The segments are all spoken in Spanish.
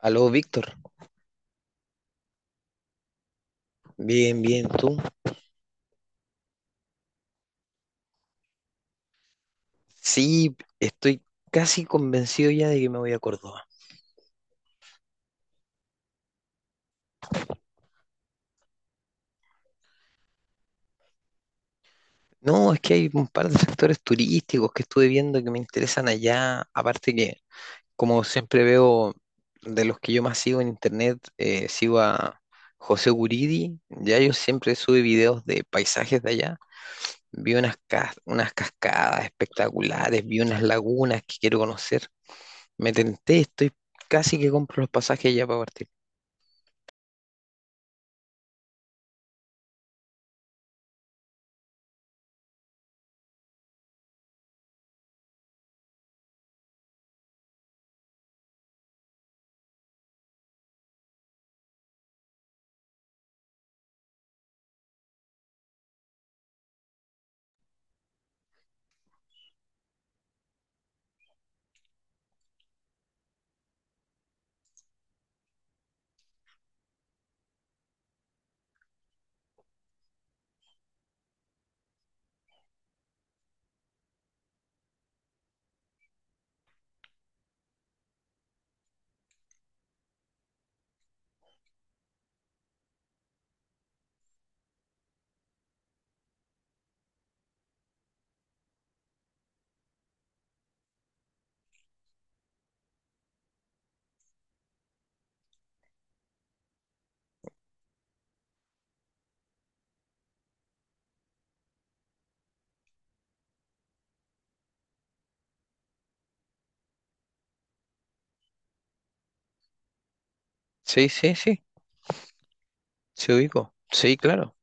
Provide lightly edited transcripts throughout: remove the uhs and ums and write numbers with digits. Aló, Víctor. Bien, bien, ¿tú? Sí, estoy casi convencido ya de que me voy a Córdoba. No, es que hay un par de sectores turísticos que estuve viendo que me interesan allá. Aparte que, como siempre veo, de los que yo más sigo en internet, sigo a José Guridi. Ya yo siempre sube videos de paisajes de allá. Vi unas, unas cascadas espectaculares, vi unas lagunas que quiero conocer. Me tenté, estoy casi que compro los pasajes ya para partir. Sí, sí, sí. Se ubicó. Sí, claro.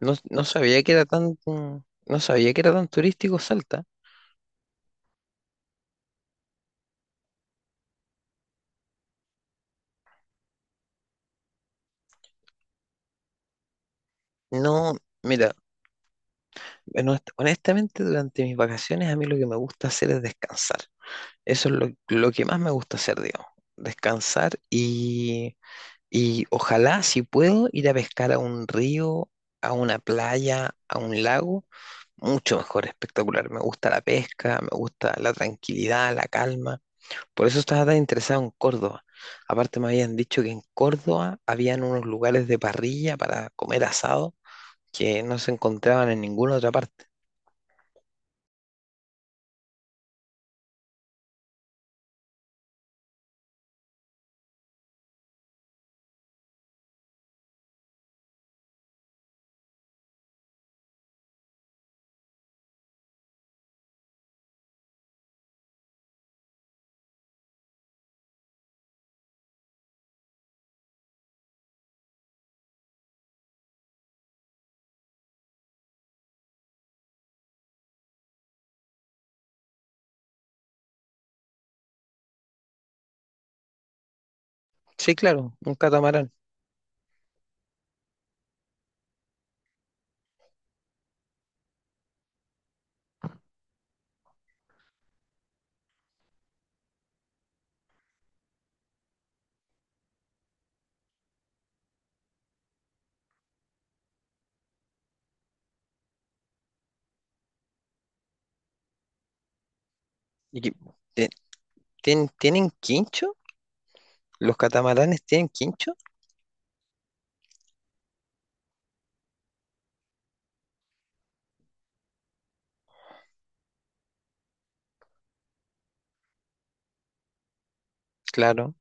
No, no sabía que era tan, no sabía que era tan turístico Salta. No, mira, honestamente durante mis vacaciones a mí lo que me gusta hacer es descansar. Eso es lo que más me gusta hacer, digamos. Descansar y ojalá si puedo ir a pescar a un río, a una playa, a un lago, mucho mejor, espectacular. Me gusta la pesca, me gusta la tranquilidad, la calma. Por eso estaba tan interesado en Córdoba. Aparte me habían dicho que en Córdoba habían unos lugares de parrilla para comer asado que no se encontraban en ninguna otra parte. Sí, claro, un catamarán. Y que- te- ¿Tienen quincho? ¿Los catamaranes tienen quincho? Claro.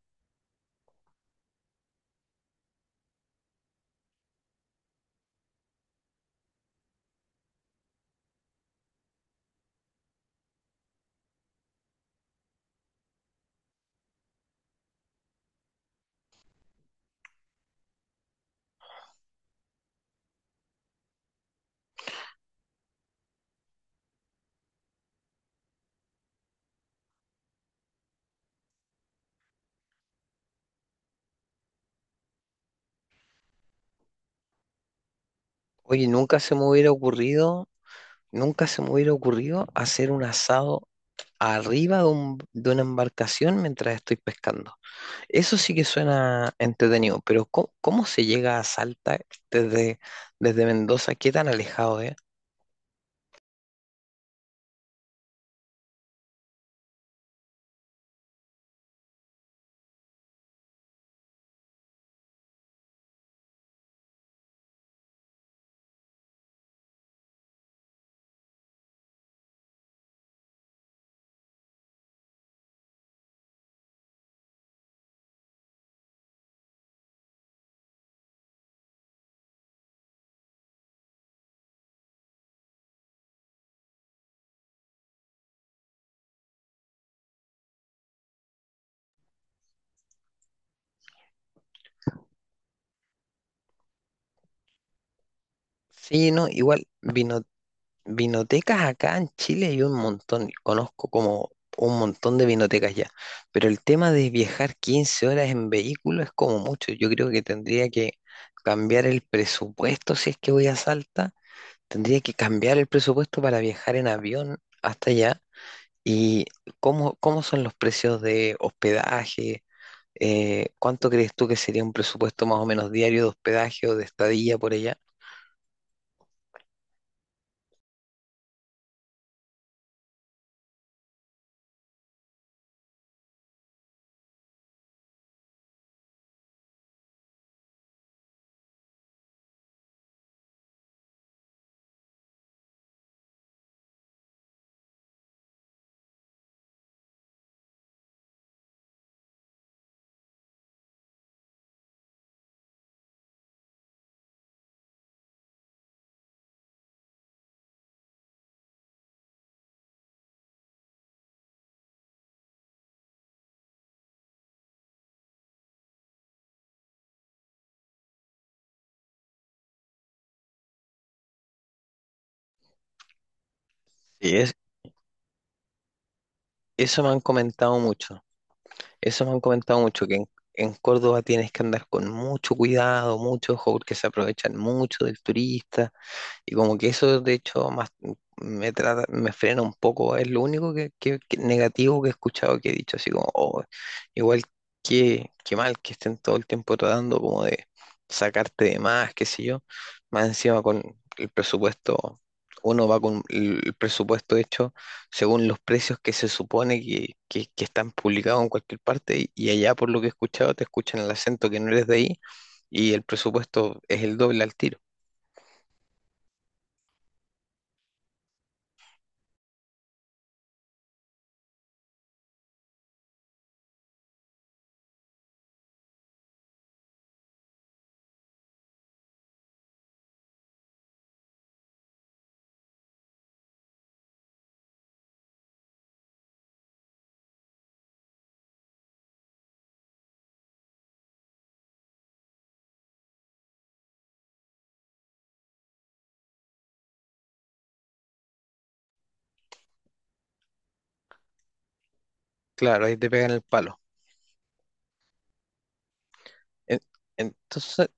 Oye, nunca se me hubiera ocurrido, nunca se me hubiera ocurrido hacer un asado arriba de una embarcación mientras estoy pescando. Eso sí que suena entretenido, pero ¿cómo se llega a Salta desde, desde Mendoza? ¿Qué tan alejado es? Sí, no, igual vinotecas acá en Chile hay un montón, conozco como un montón de vinotecas ya, pero el tema de viajar 15 horas en vehículo es como mucho, yo creo que tendría que cambiar el presupuesto si es que voy a Salta, tendría que cambiar el presupuesto para viajar en avión hasta allá. ¿Y cómo son los precios de hospedaje? ¿Cuánto crees tú que sería un presupuesto más o menos diario de hospedaje o de estadía por allá? Sí, es- eso me han comentado mucho. Eso me han comentado mucho, en Córdoba tienes que andar con mucho cuidado, mucho ojo, porque se aprovechan mucho del turista. Y como que eso, de hecho, más me trata, me frena un poco. Es lo único que negativo que he escuchado que he dicho, así como, "Oh, igual que, qué mal que estén todo el tiempo tratando como de sacarte de más, qué sé yo. Más encima con el presupuesto, uno va con el presupuesto hecho según los precios que se supone que están publicados en cualquier parte, y allá por lo que he escuchado, te escuchan el acento que no eres de ahí, y el presupuesto es el doble al tiro. Claro, ahí te pegan el palo. En- Entonces,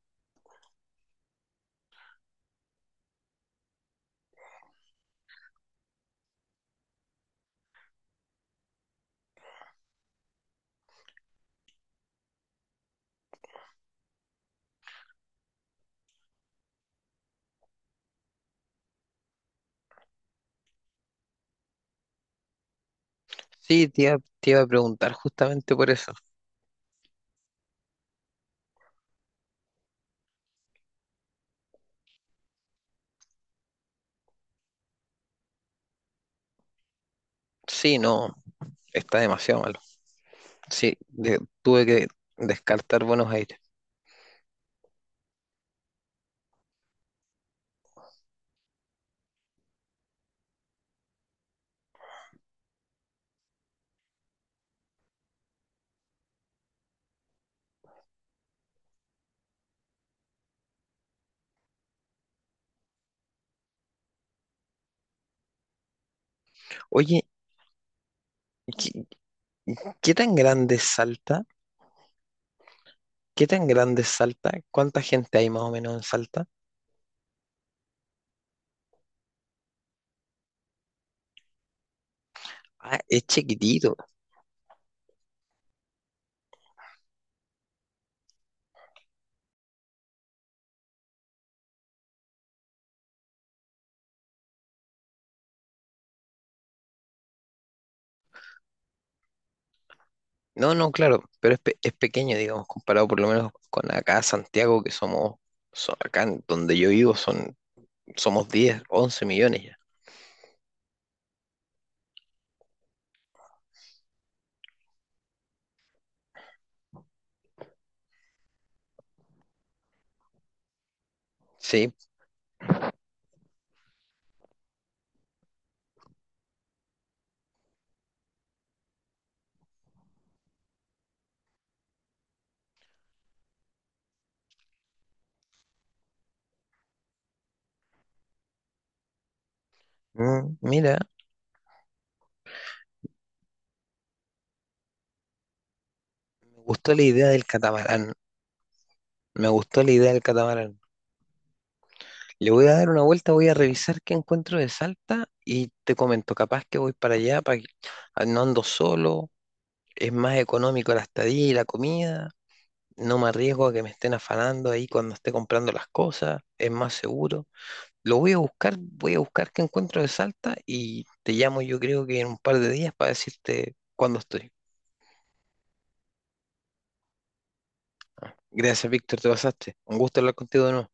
sí, te iba a preguntar justamente por eso. Sí, no, está demasiado malo. Tuve que descartar Buenos Aires. Oye, ¿qué, ¿qué tan grande es Salta? ¿Qué tan grande es Salta? ¿Cuánta gente hay más o menos en Salta? Ah, es chiquitito. No, no, claro, pero es pequeño, digamos, comparado por lo menos con acá, Santiago, que acá en donde yo vivo, somos 10 u 11 millones ya. Sí, mira, me gustó la idea del catamarán. Me gustó la idea del catamarán. Le voy a dar una vuelta, voy a revisar qué encuentro de Salta y te comento, capaz que voy para allá, para que ah, no ando solo, es más económico la estadía y la comida, no me arriesgo a que me estén afanando ahí cuando esté comprando las cosas, es más seguro. Lo voy a buscar qué encuentro de Salta y te llamo yo creo que en un par de días para decirte cuándo estoy. Gracias, Víctor, te pasaste. Un gusto hablar contigo de nuevo.